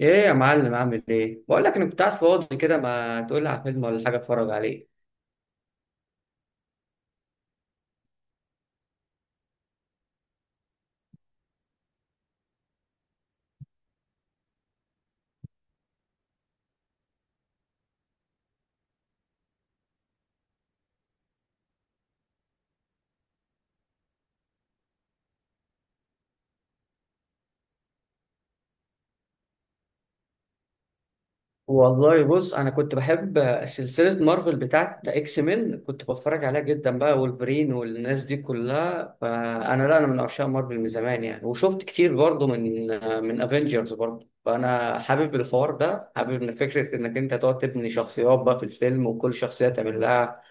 ايه يا معلم؟ عامل ايه؟ بقول لك انا كنت قاعد فاضي كده، ما تقول لي على فيلم ولا حاجه اتفرج عليه. والله بص، انا كنت بحب سلسله مارفل بتاعت اكس مين، كنت بتفرج عليها جدا بقى، وولفرين والناس دي كلها. فانا لا انا من عشاق مارفل من زمان يعني، وشفت كتير برضه من افنجرز برضه. فانا حابب الحوار ده، حابب ان فكره انك انت تقعد تبني شخصيات بقى في الفيلم، وكل شخصيه تعمل لها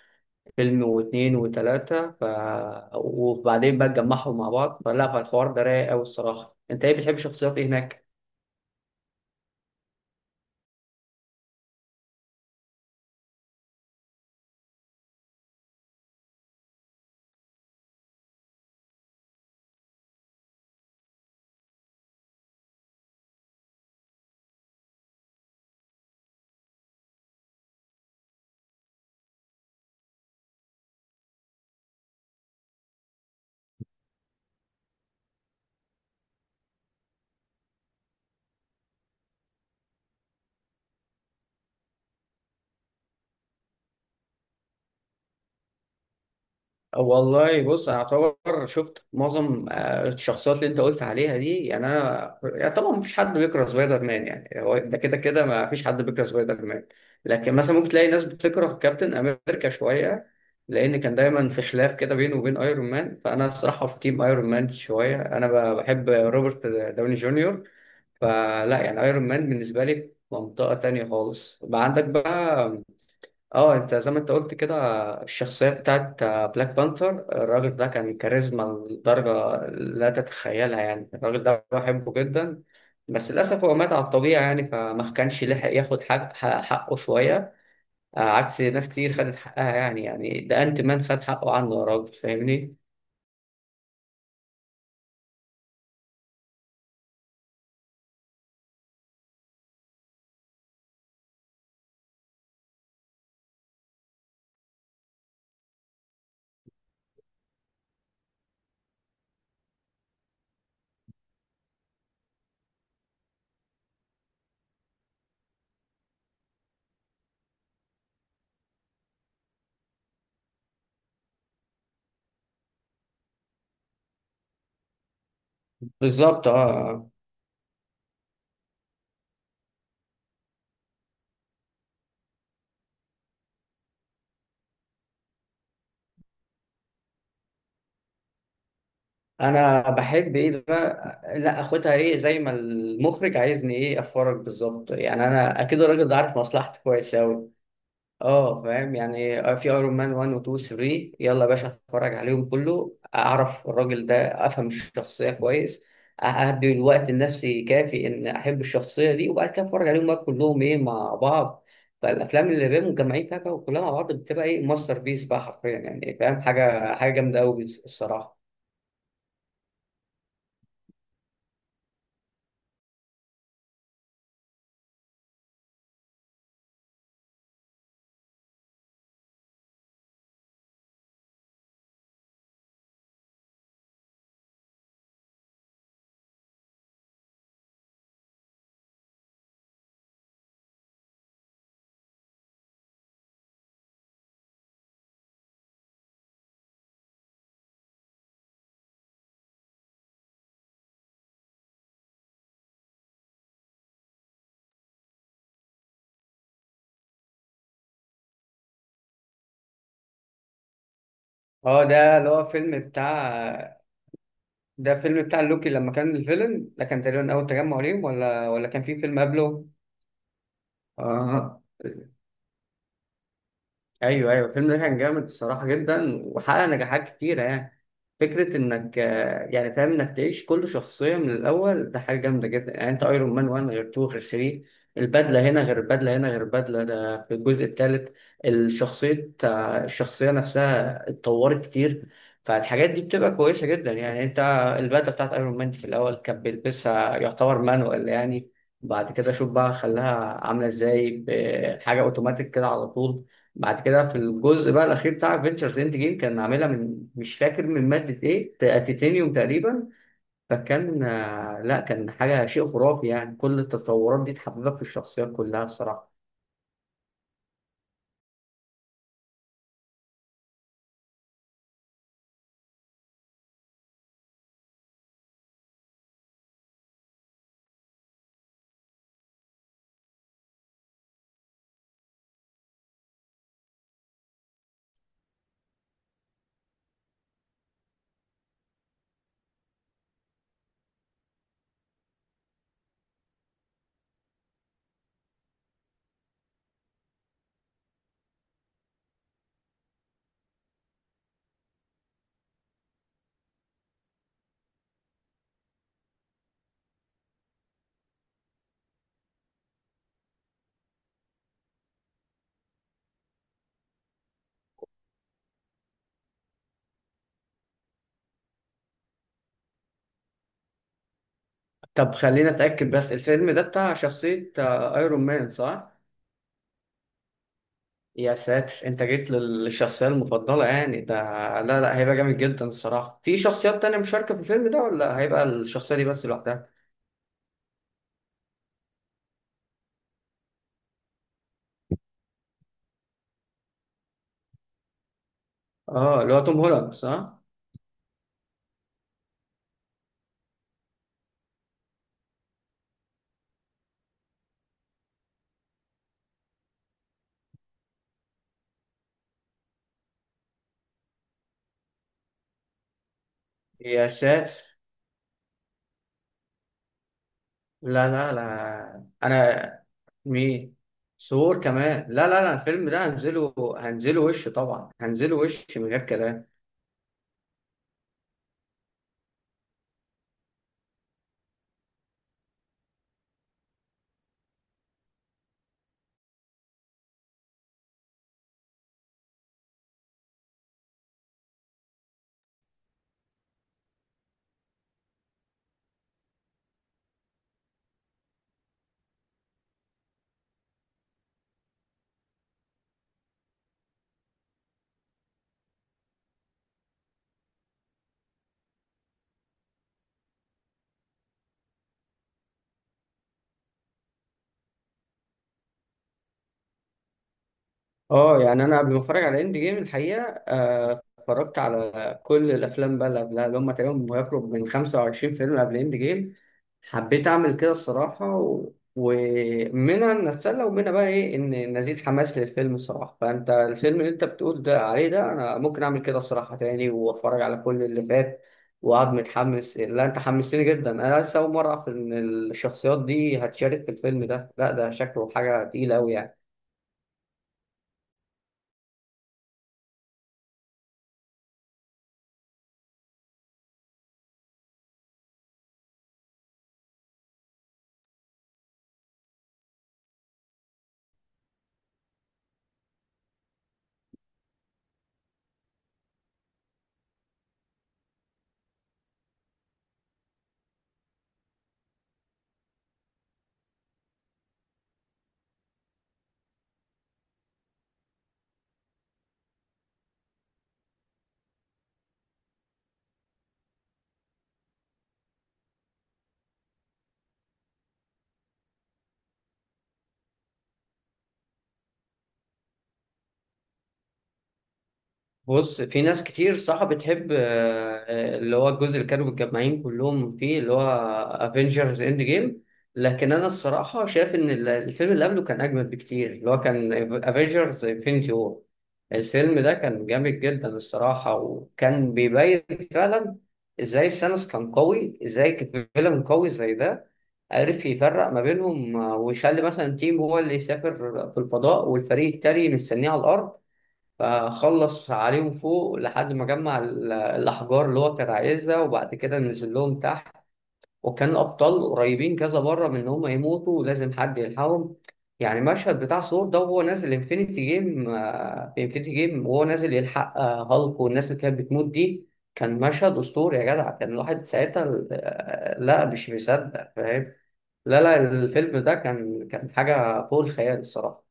فيلم واتنين وتلاتة وبعدين بقى اتجمعهم مع بعض. فالحوار ده رايق أوي الصراحة. أنت إيه بتحب شخصيات إيه هناك؟ والله بص، أنا أعتبر شفت معظم الشخصيات اللي أنت قلت عليها دي يعني. أنا يعني طبعا مفيش حد بيكره سبايدر مان، يعني هو ده كده كده مفيش حد بيكره سبايدر مان. لكن مثلا ممكن تلاقي ناس بتكره كابتن أمريكا شوية، لأن كان دايما في خلاف كده بينه وبين أيرون مان. فأنا الصراحة في تيم أيرون مان شوية، أنا بحب روبرت داوني جونيور. فلا يعني ايرون مان بالنسبه لي في منطقه تانية خالص. بقى عندك بقى اه، انت زي ما انت قلت كده، الشخصيه بتاعت بلاك بانثر. الراجل ده كان كاريزما لدرجه لا تتخيلها يعني، الراجل ده بحبه جدا. بس للاسف هو مات على الطبيعه يعني، فما كانش لحق ياخد حقه شويه، عكس ناس كتير خدت حقها يعني. يعني ده انت مان خد حقه عنه يا راجل، فاهمني؟ بالظبط اه. انا بحب ايه بقى، لا اخدها ايه زي ما المخرج عايزني ايه افرج بالظبط يعني، انا اكيد الراجل ده عارف مصلحتي كويس اوي. اه فاهم، يعني في ايرون مان 1 و 2 و 3، يلا يا باشا اتفرج عليهم كله، اعرف الراجل ده، افهم الشخصيه كويس، اهدي الوقت النفسي كافي ان احب الشخصيه دي، وبعد كده اتفرج عليهم بقى كلهم ايه مع بعض. فالافلام اللي بيبقوا مجمعين فيها بقى وكلها مع بعض بتبقى ايه، ماستر بيس بقى حرفيا، يعني فاهم حاجه، حاجه جامده قوي الصراحه. اه ده اللي هو فيلم بتاع، ده فيلم بتاع لوكي لما كان الفيلن ده، كان تقريبا اول تجمع ليهم، ولا كان في فيلم قبله؟ اه ايوه ايوه، الفيلم ده كان جامد الصراحه جدا، وحقق نجاحات كتيره يعني. فكره انك يعني فاهم انك تعيش كل شخصيه من الاول ده حاجه جامده جدا يعني، انت ايرون مان 1 غير 2 غير 3، البدله هنا غير البدله هنا غير البدله ده في الجزء الثالث. الشخصيه الشخصيه نفسها اتطورت كتير. فالحاجات دي بتبقى كويسه جدا يعني. انت البدله بتاعت ايرون مان دي في الاول كان بيلبسها يعتبر مانوال يعني، بعد كده شوف بقى خلاها عامله ازاي، بحاجه اوتوماتيك كده على طول. بعد كده في الجزء بقى الاخير بتاع فينتشرز اند جيم، كان عاملها من، مش فاكر من ماده ايه، تيتانيوم تقريبا. فكان لا كان حاجه شيء خرافي يعني. كل التطورات دي تحببك في الشخصيات كلها الصراحه. طب خلينا اتاكد بس، الفيلم ده بتاع شخصيه ايرون مان صح؟ يا ساتر، انت جيت للشخصيه المفضله يعني ده. لا لا، هيبقى جامد جدا الصراحه. في شخصيات تانية مشاركه في الفيلم ده، ولا هيبقى الشخصيه دي بس لوحدها؟ اه اللي هو توم هولاند صح؟ يا ساتر. لا لا لا انا. مين؟ ثور كمان؟ لا لا لا، الفيلم ده هنزله هنزله وش طبعا، هنزله وش من غير كلام. اه يعني انا قبل ما اتفرج على اند جيم الحقيقه، اتفرجت على كل الافلام بقى اللي قبلها، اللي هم تقريبا يقرب من 25 فيلم قبل اند جيم. حبيت اعمل كده الصراحه، ومنها ان اتسلى، ومنها بقى ايه ان نزيد حماس للفيلم الصراحه. فانت الفيلم اللي انت بتقول ده عليه، ده انا ممكن اعمل كده الصراحه تاني، واتفرج على كل اللي فات، وقعد متحمس. لا انت حمستني جدا، انا لسه اول مره اعرف ان الشخصيات دي هتشارك في الفيلم ده، لا ده شكله حاجه تقيله قوي يعني. بص في ناس كتير صح بتحب اللي هو الجزء اللي كانوا متجمعين كلهم فيه، اللي هو افنجرز اند جيم. لكن انا الصراحه شايف ان الفيلم اللي قبله كان اجمد بكتير، اللي هو كان افنجرز انفنتي وور. الفيلم ده كان جامد جدا الصراحه، وكان بيبين فعلا ازاي ثانوس كان قوي، ازاي فيلم قوي زي ده عرف يفرق ما بينهم، ويخلي مثلا تيم هو اللي يسافر في الفضاء، والفريق التاني مستنيه على الارض، فخلص عليهم فوق لحد ما جمع الأحجار اللي هو كان عايزها، وبعد كده نزل لهم تحت. وكان الأبطال قريبين كذا مرة من إن هم يموتوا، ولازم حد يلحقهم. يعني المشهد بتاع ثور ده وهو نازل انفينيتي جيم، في انفينيتي جيم وهو نازل يلحق هالك والناس اللي كانت بتموت دي، كان مشهد أسطوري يا جدع. كان الواحد ساعتها لا مش مصدق، فاهم؟ لا لا، الفيلم ده كان كان حاجة فوق الخيال الصراحة.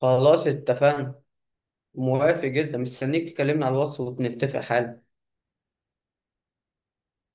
خلاص اتفقنا، موافق جدا، مستنيك تكلمني على الواتس ونتفق حالا.